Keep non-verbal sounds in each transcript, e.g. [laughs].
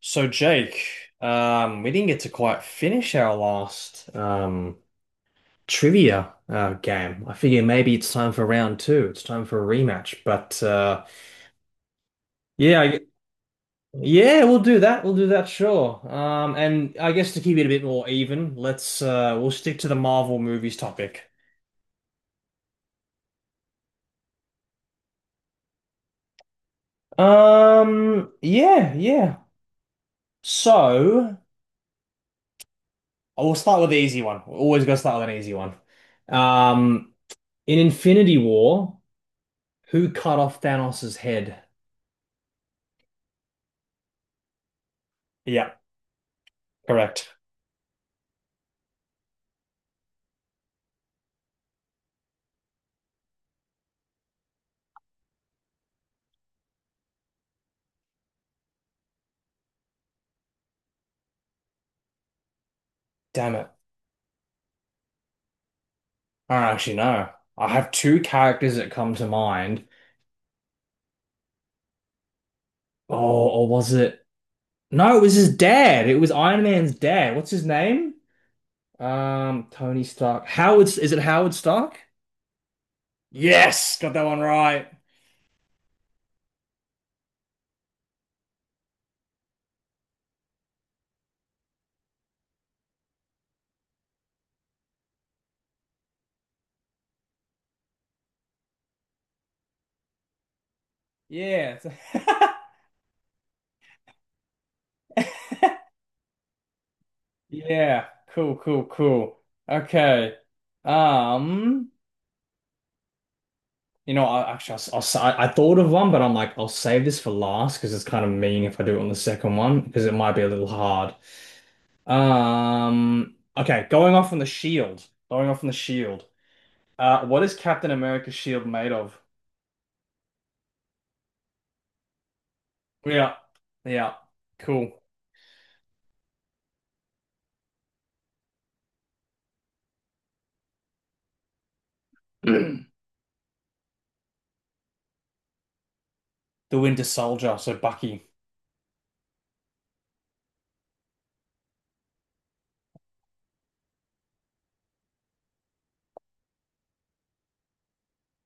So Jake, we didn't get to quite finish our last trivia game. I figure maybe it's time for round two. It's time for a rematch. Yeah, I- yeah, we'll do that. We'll do that, sure. And I guess to keep it a bit more even, let's we'll stick to the Marvel movies topic. Yeah, yeah. So I will start with the easy one. We're always gotta start with an easy one. Um, in Infinity War. Who cut off Thanos' head? Yeah, correct. Damn it. I don't actually know. I have two characters that come to mind. Oh, or was it? No, it was his dad. It was Iron Man's dad. What's his name? Tony Stark. Howard, is it Howard Stark? Yes, got that one right. Yeah. [laughs] Yeah. Cool, cool, cool. Okay. Um, I thought of one, but I'm like, I'll save this for last because it's kind of mean if I do it on the second one because it might be a little hard. Okay, going off on the shield, going off on the shield. What is Captain America's shield made of? Yeah, yeah, cool. [clears throat] The Winter Soldier, so Bucky.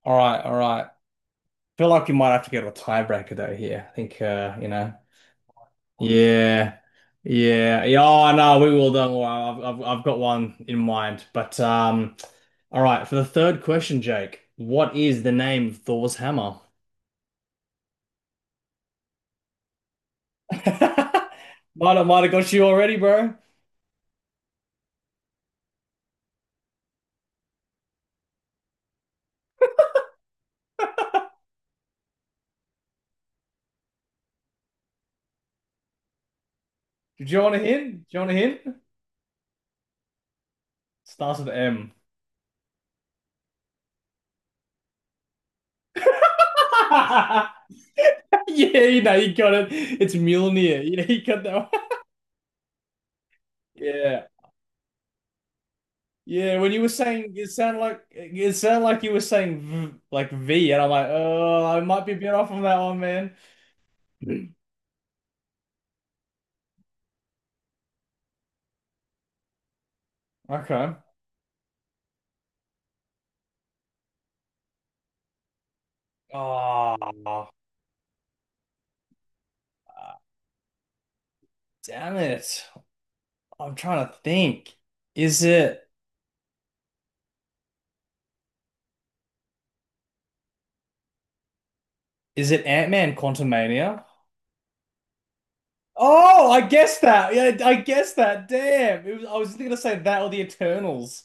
All right, all right. Feel like we might have to go to a tiebreaker though here. I think, you know. Yeah, yeah, yeah. Oh no, we will. Don't worry. I've got one in mind. But All right. For the third question, Jake, what is the name of Thor's hammer? [laughs] Might have got you already, bro. Do you want a hint? Do you want a hint? Starts with M. [laughs] Yeah, you know, you got it. It's Mjolnir. You know, you got that one. [laughs] Yeah. Yeah, when you were saying it sounded like you were saying v, like V, and I'm like, oh, I might be a bit off on that one, man. Okay. Oh, damn it. I'm trying to think. Is it is it Ant-Man Quantumania? Oh, I guessed that. Yeah, I guessed that. Damn. I was gonna say that or the Eternals.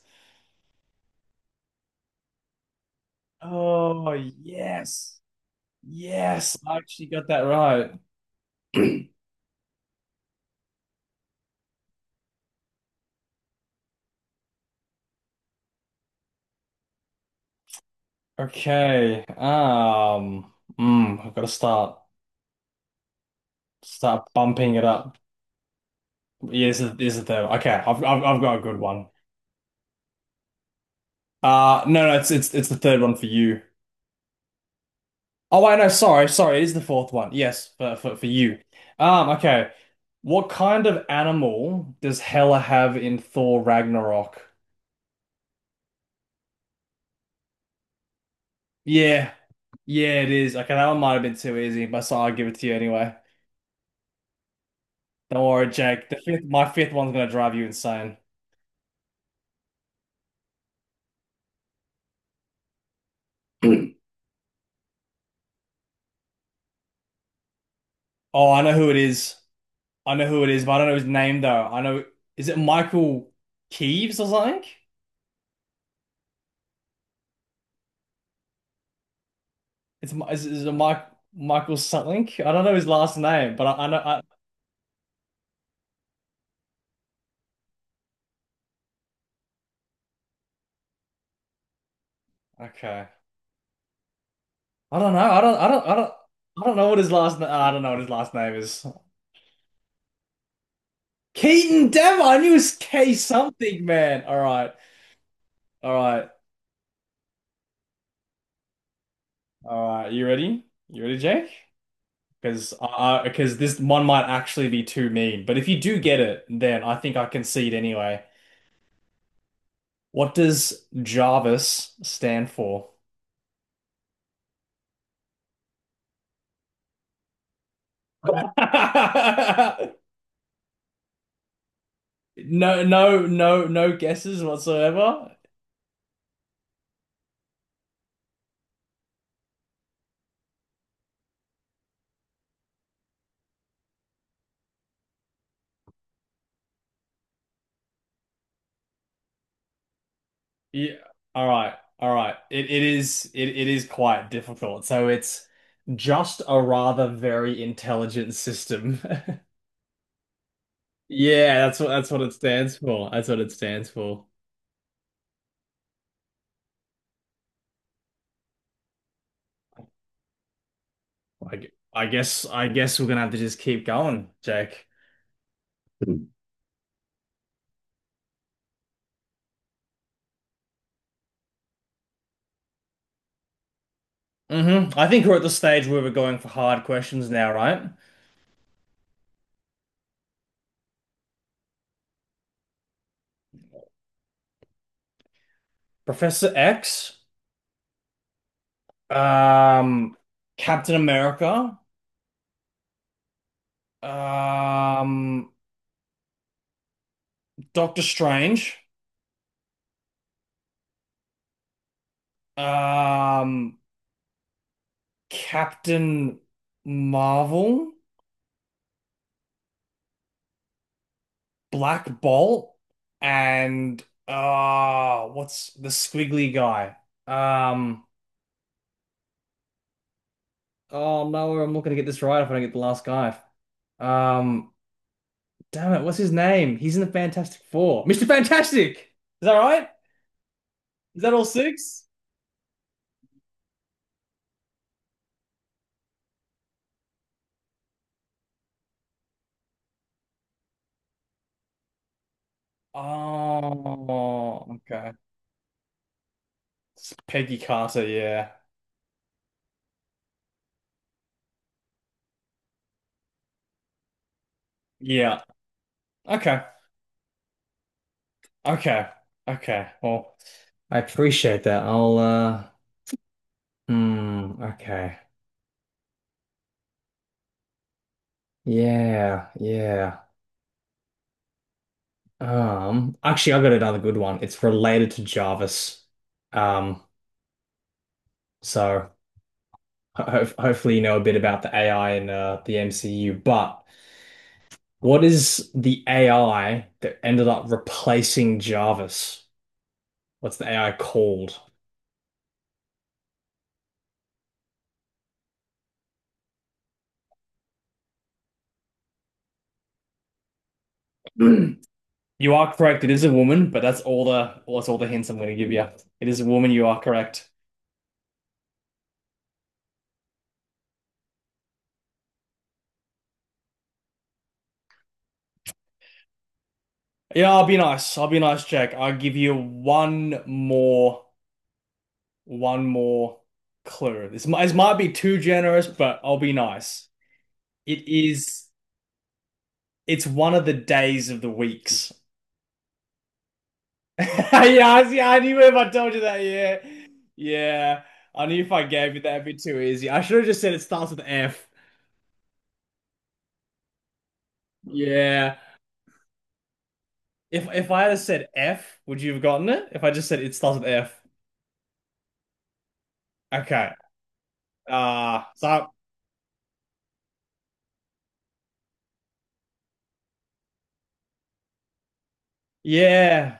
Oh, yes. Yes, I actually got that right. [clears throat] Okay. I've got to start bumping it up. Yeah, this is the third one. Okay, I've got a good one. No, it's the third one for you. Oh, I know. Sorry, sorry. It is the fourth one. Yes, for you. Okay. What kind of animal does Hela have in Thor Ragnarok? Yeah, yeah, it is. Okay, that one might have been too easy, but so I'll give it to you anyway. Don't worry, Jake. The fifth, my fifth one's gonna drive you insane. [clears throat] Oh, I know who it is. I know who it is, but I don't know his name though. I know. Is it Michael Keeves or something? Is it Mike Michael something? I don't know his last name, but I know. I, okay. I don't know. I don't. I don't. I don't. I don't know what his last. Na I don't know what his last name is. Keaton Dever. I knew it was K something, man. All right. All right. All right. You ready? You ready, Jake? Because this one might actually be too mean. But if you do get it, then I think I concede anyway. What does Jarvis stand for? [laughs] No, no, no, no guesses whatsoever. Yeah. All right. All right. It is quite difficult. So it's just a rather very intelligent system. [laughs] Yeah, that's what it stands for. That's what it stands for. I, gu- I guess we're gonna have to just keep going, Jake. Hmm. Hmm. I think we're at the stage where we're going for hard questions now, right? Professor X, um, Captain America, um, Doctor Strange, um, Captain Marvel, Black Bolt, and ah, what's the squiggly guy? Um, oh no, I'm not gonna get this right if I don't get the last guy. Um, damn it, what's his name? He's in the Fantastic Four. Mr. Fantastic! Is that right? Is that all six? Oh, okay. It's Peggy Carter, yeah. Yeah. Okay. Okay. Okay. Well, I appreciate that. I'll uh Hmm. Okay. Yeah, yeah. Actually, I got another good one. It's related to Jarvis. Um, so hopefully you know a bit about the AI in the MCU. But what is the AI that ended up replacing Jarvis? What's the AI called? [clears throat] You are correct. It is a woman, but that's all the well, that's all the hints I'm going to give you. It is a woman. You are correct. Yeah, I'll be nice. I'll be nice, Jack. I'll give you one more clue. This might be too generous, but I'll be nice. It is, it's one of the days of the weeks. [laughs] Yeah, I see, I knew if I told you that. Yeah. Yeah. I knew if I gave you that, it'd be too easy. I should have just said it starts with F. Yeah. If I had said F, would you have gotten it? If I just said it starts with F. Okay. Uh, so yeah.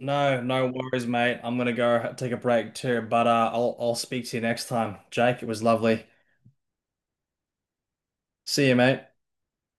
No, no worries, mate. I'm gonna go take a break too, but I'll speak to you next time. Jake, it was lovely. See you, mate.